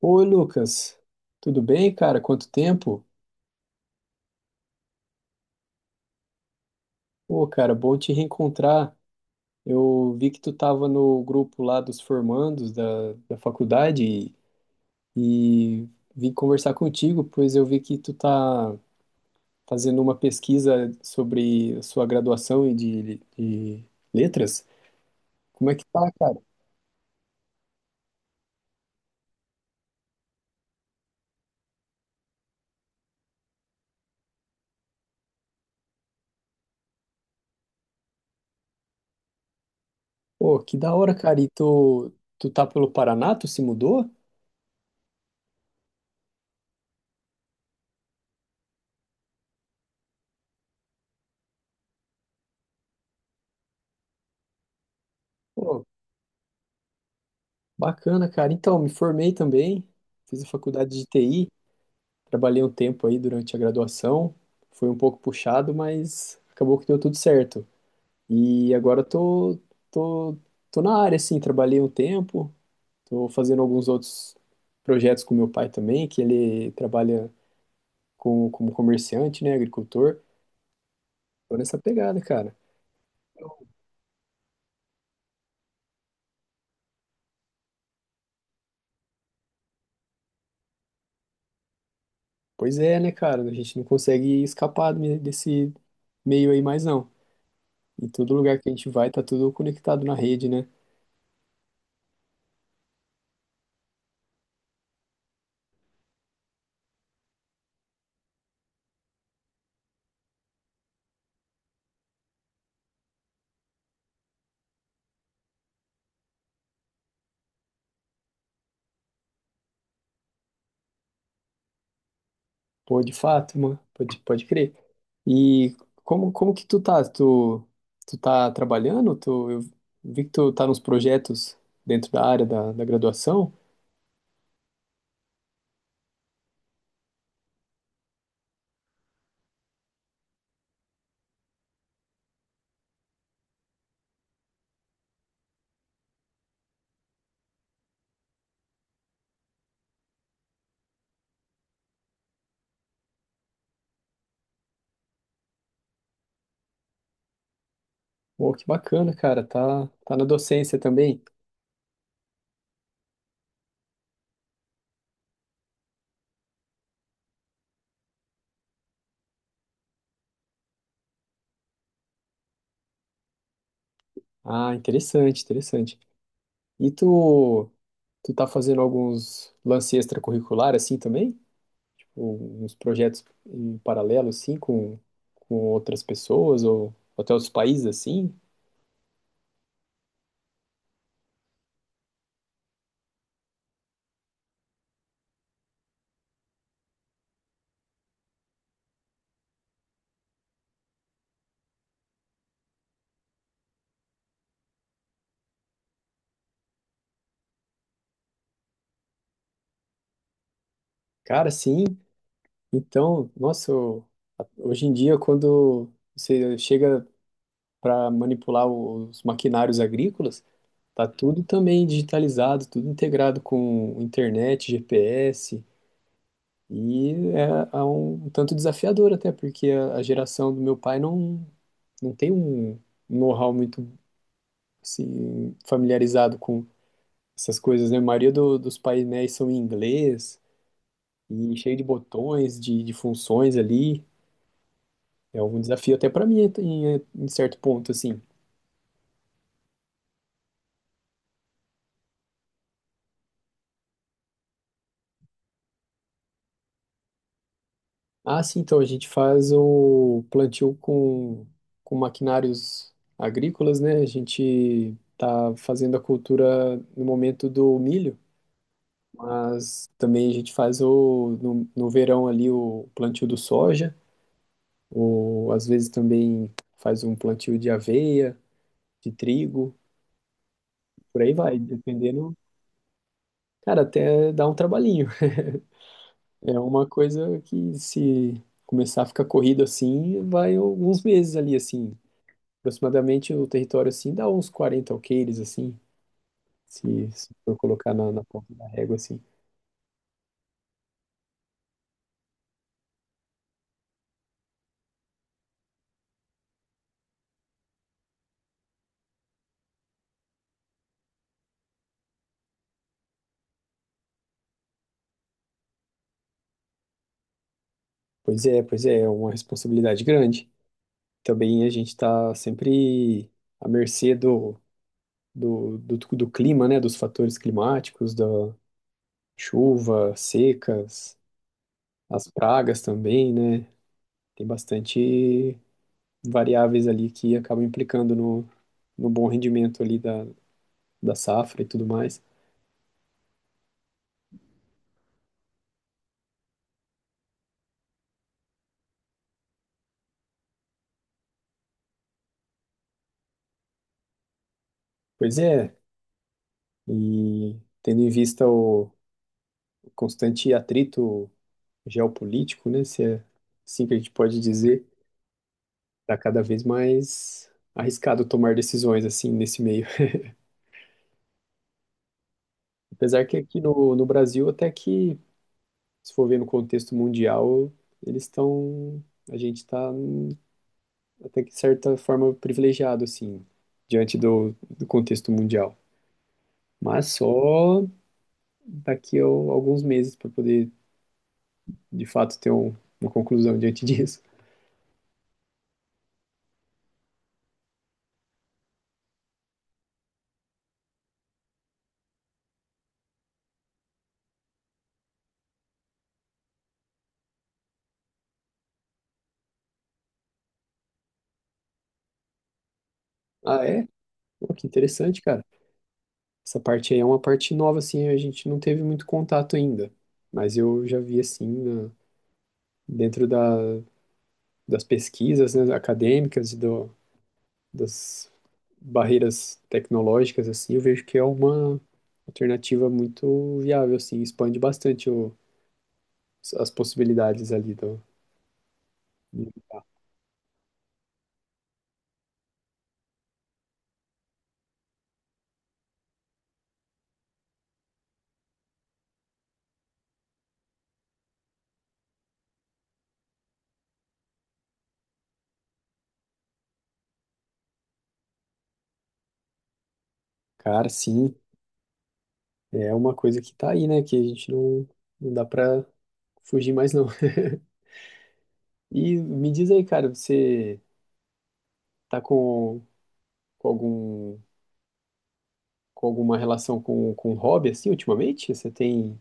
Oi, Lucas. Tudo bem, cara? Quanto tempo? Pô, cara, bom te reencontrar. Eu vi que tu tava no grupo lá dos formandos da faculdade e vim conversar contigo, pois eu vi que tu tá fazendo uma pesquisa sobre a sua graduação e de letras. Como é que tá, cara? Pô, que da hora, cara. E tu tá pelo Paraná? Tu se mudou? Pô, bacana, cara. Então, me formei também. Fiz a faculdade de TI. Trabalhei um tempo aí durante a graduação, foi um pouco puxado, mas acabou que deu tudo certo. E agora eu tô, tô, tô na área, assim, trabalhei um tempo, tô fazendo alguns outros projetos com meu pai também, que ele trabalha com, como comerciante, né, agricultor. Tô nessa pegada, cara. Pois é, né, cara, a gente não consegue escapar desse meio aí mais não. Em todo lugar que a gente vai, tá tudo conectado na rede, né? Pô, de fato, mano. Pode crer. E como que tu tá? Tu, tu tá trabalhando? Tu, eu vi que tu tá nos projetos dentro da área da graduação. Pô, que bacana, cara. Tá na docência também. Ah, interessante. E tu tá fazendo alguns lance extracurricular assim também? Ou uns projetos em paralelo assim com outras pessoas ou até outros países assim? Cara, sim. Então, nossa, hoje em dia, quando você chega para manipular os maquinários agrícolas, tá tudo também digitalizado, tudo integrado com internet, GPS, e é um tanto desafiador até, porque a geração do meu pai não tem um know-how muito assim, familiarizado com essas coisas, né? A maioria dos painéis são em inglês e cheio de botões, de funções ali. É um desafio até para mim em certo ponto, assim. Ah, sim, então a gente faz o plantio com maquinários agrícolas, né? A gente tá fazendo a cultura no momento do milho, mas também a gente faz o, no, no verão ali o plantio do soja, ou às vezes também faz um plantio de aveia, de trigo, por aí vai, dependendo. Cara, até dá um trabalhinho. É uma coisa que se começar a ficar corrido assim, vai alguns meses ali assim. Aproximadamente o território assim dá uns 40 alqueires, assim, se for colocar na ponta da régua, assim. Pois é, é uma responsabilidade grande. Também a gente está sempre à mercê do clima, né? Dos fatores climáticos, da chuva, secas, as pragas também, né? Tem bastante variáveis ali que acabam implicando no bom rendimento ali da safra e tudo mais. Pois é, e tendo em vista o constante atrito geopolítico, né? Se é assim que a gente pode dizer, está cada vez mais arriscado tomar decisões assim nesse meio. Apesar que aqui no Brasil, até que, se for ver no contexto mundial, eles estão. A gente está, até que de certa forma, privilegiado, assim, diante do contexto mundial. Mas só daqui a alguns meses para poder, de fato, uma conclusão diante disso. Ah, é? Pô, que interessante, cara. Essa parte aí é uma parte nova, assim, a gente não teve muito contato ainda. Mas eu já vi, assim, dentro das pesquisas, né, acadêmicas e das barreiras tecnológicas, assim, eu vejo que é uma alternativa muito viável, assim, expande bastante as possibilidades ali do... Cara, sim, é uma coisa que tá aí, né, que a gente não dá pra fugir mais, não. E me diz aí, cara, você tá com algum com alguma relação com um hobby, assim, ultimamente? Você tem...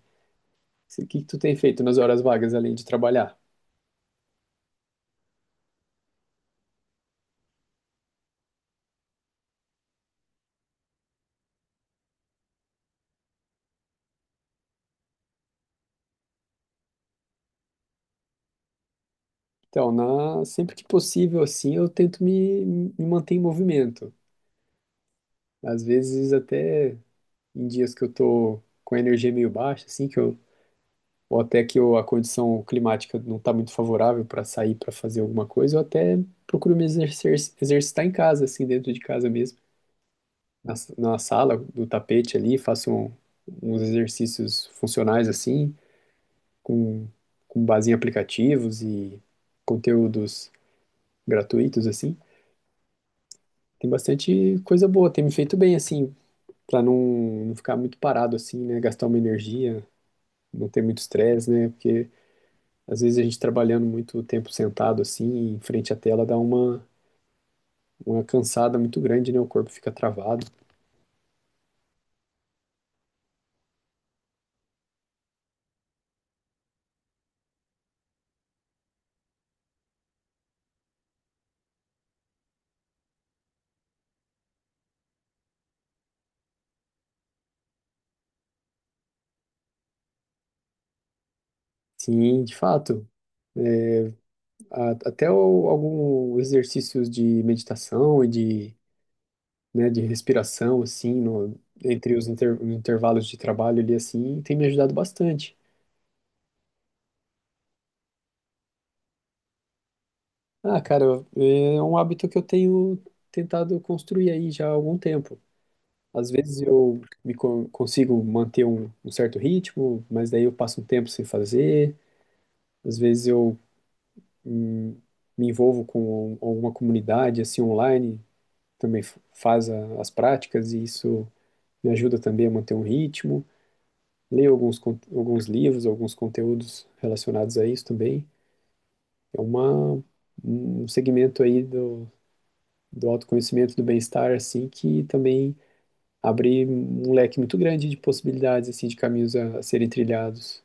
O que que tu tem feito nas horas vagas, além de trabalhar? Então, na, sempre que possível, assim, me manter em movimento. Às vezes, até em dias que eu tô com a energia meio baixa, assim, que eu, ou até que eu, a condição climática não tá muito favorável para sair para fazer alguma coisa, eu até procuro me exercer, exercitar em casa, assim, dentro de casa mesmo. Na sala, do tapete ali, uns exercícios funcionais, assim, com, com base em aplicativos e conteúdos gratuitos, assim. Tem bastante coisa boa, tem me feito bem, assim, pra não ficar muito parado, assim, né? Gastar uma energia, não ter muito estresse, né? Porque às vezes a gente trabalhando muito tempo sentado, assim, em frente à tela, dá uma cansada muito grande, né? O corpo fica travado. Sim, de fato. né, Até alguns exercícios de meditação e de né, de respiração, assim, no, entre os intervalos de trabalho ali, assim, tem me ajudado bastante. Ah, cara, é um hábito que eu tenho tentado construir aí já há algum tempo. Às vezes eu consigo manter um certo ritmo, mas daí eu passo um tempo sem fazer. Às vezes eu hum, me envolvo com alguma comunidade, assim, online, também faz as práticas e isso me ajuda também a manter um ritmo. Leio alguns, alguns livros, alguns conteúdos relacionados a isso também. É uma, um segmento aí do autoconhecimento, do bem-estar, assim, que também abre um leque muito grande de possibilidades, assim, de caminhos a serem trilhados.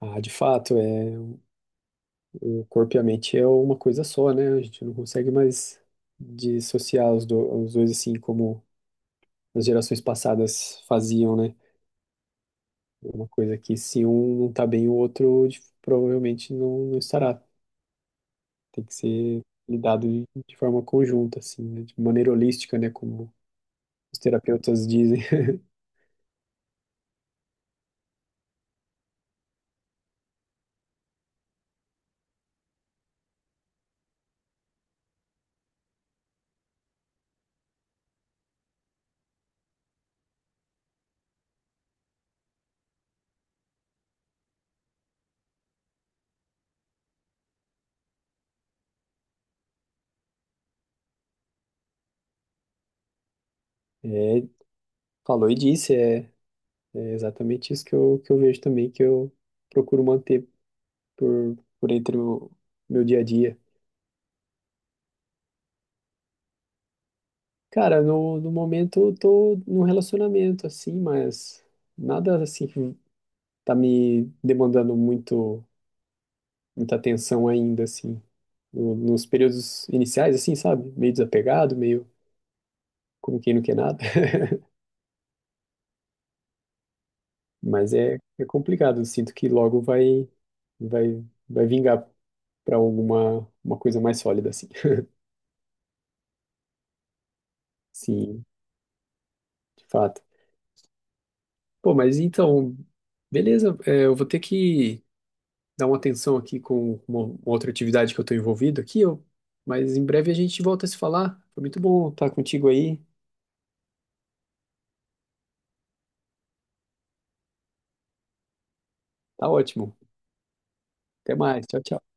Ah, de fato, é, o corpo e a mente é uma coisa só, né? A gente não consegue mais dissociar os dois, assim, como as gerações passadas faziam, né? É uma coisa que se um não tá bem, o outro provavelmente não estará. Tem que ser lidado de forma conjunta, assim, né? De maneira holística, né? Como os terapeutas dizem. É, falou e disse, é, é exatamente isso que eu vejo também, que eu procuro manter por entre o meu dia a dia. Cara, no momento eu tô num relacionamento, assim, mas nada, assim, que tá me demandando muita atenção ainda, assim. Nos períodos iniciais, assim, sabe? Meio desapegado, meio como quem não quer nada. Mas é, é complicado. Eu sinto que vai vingar para alguma uma coisa mais sólida, assim. Sim, de fato. Pô, mas então, beleza. É, eu vou ter que dar uma atenção aqui com uma outra atividade que eu estou envolvido aqui. Eu, mas em breve a gente volta a se falar. Foi muito bom estar contigo aí. Tá ótimo. Até mais. Tchau, tchau.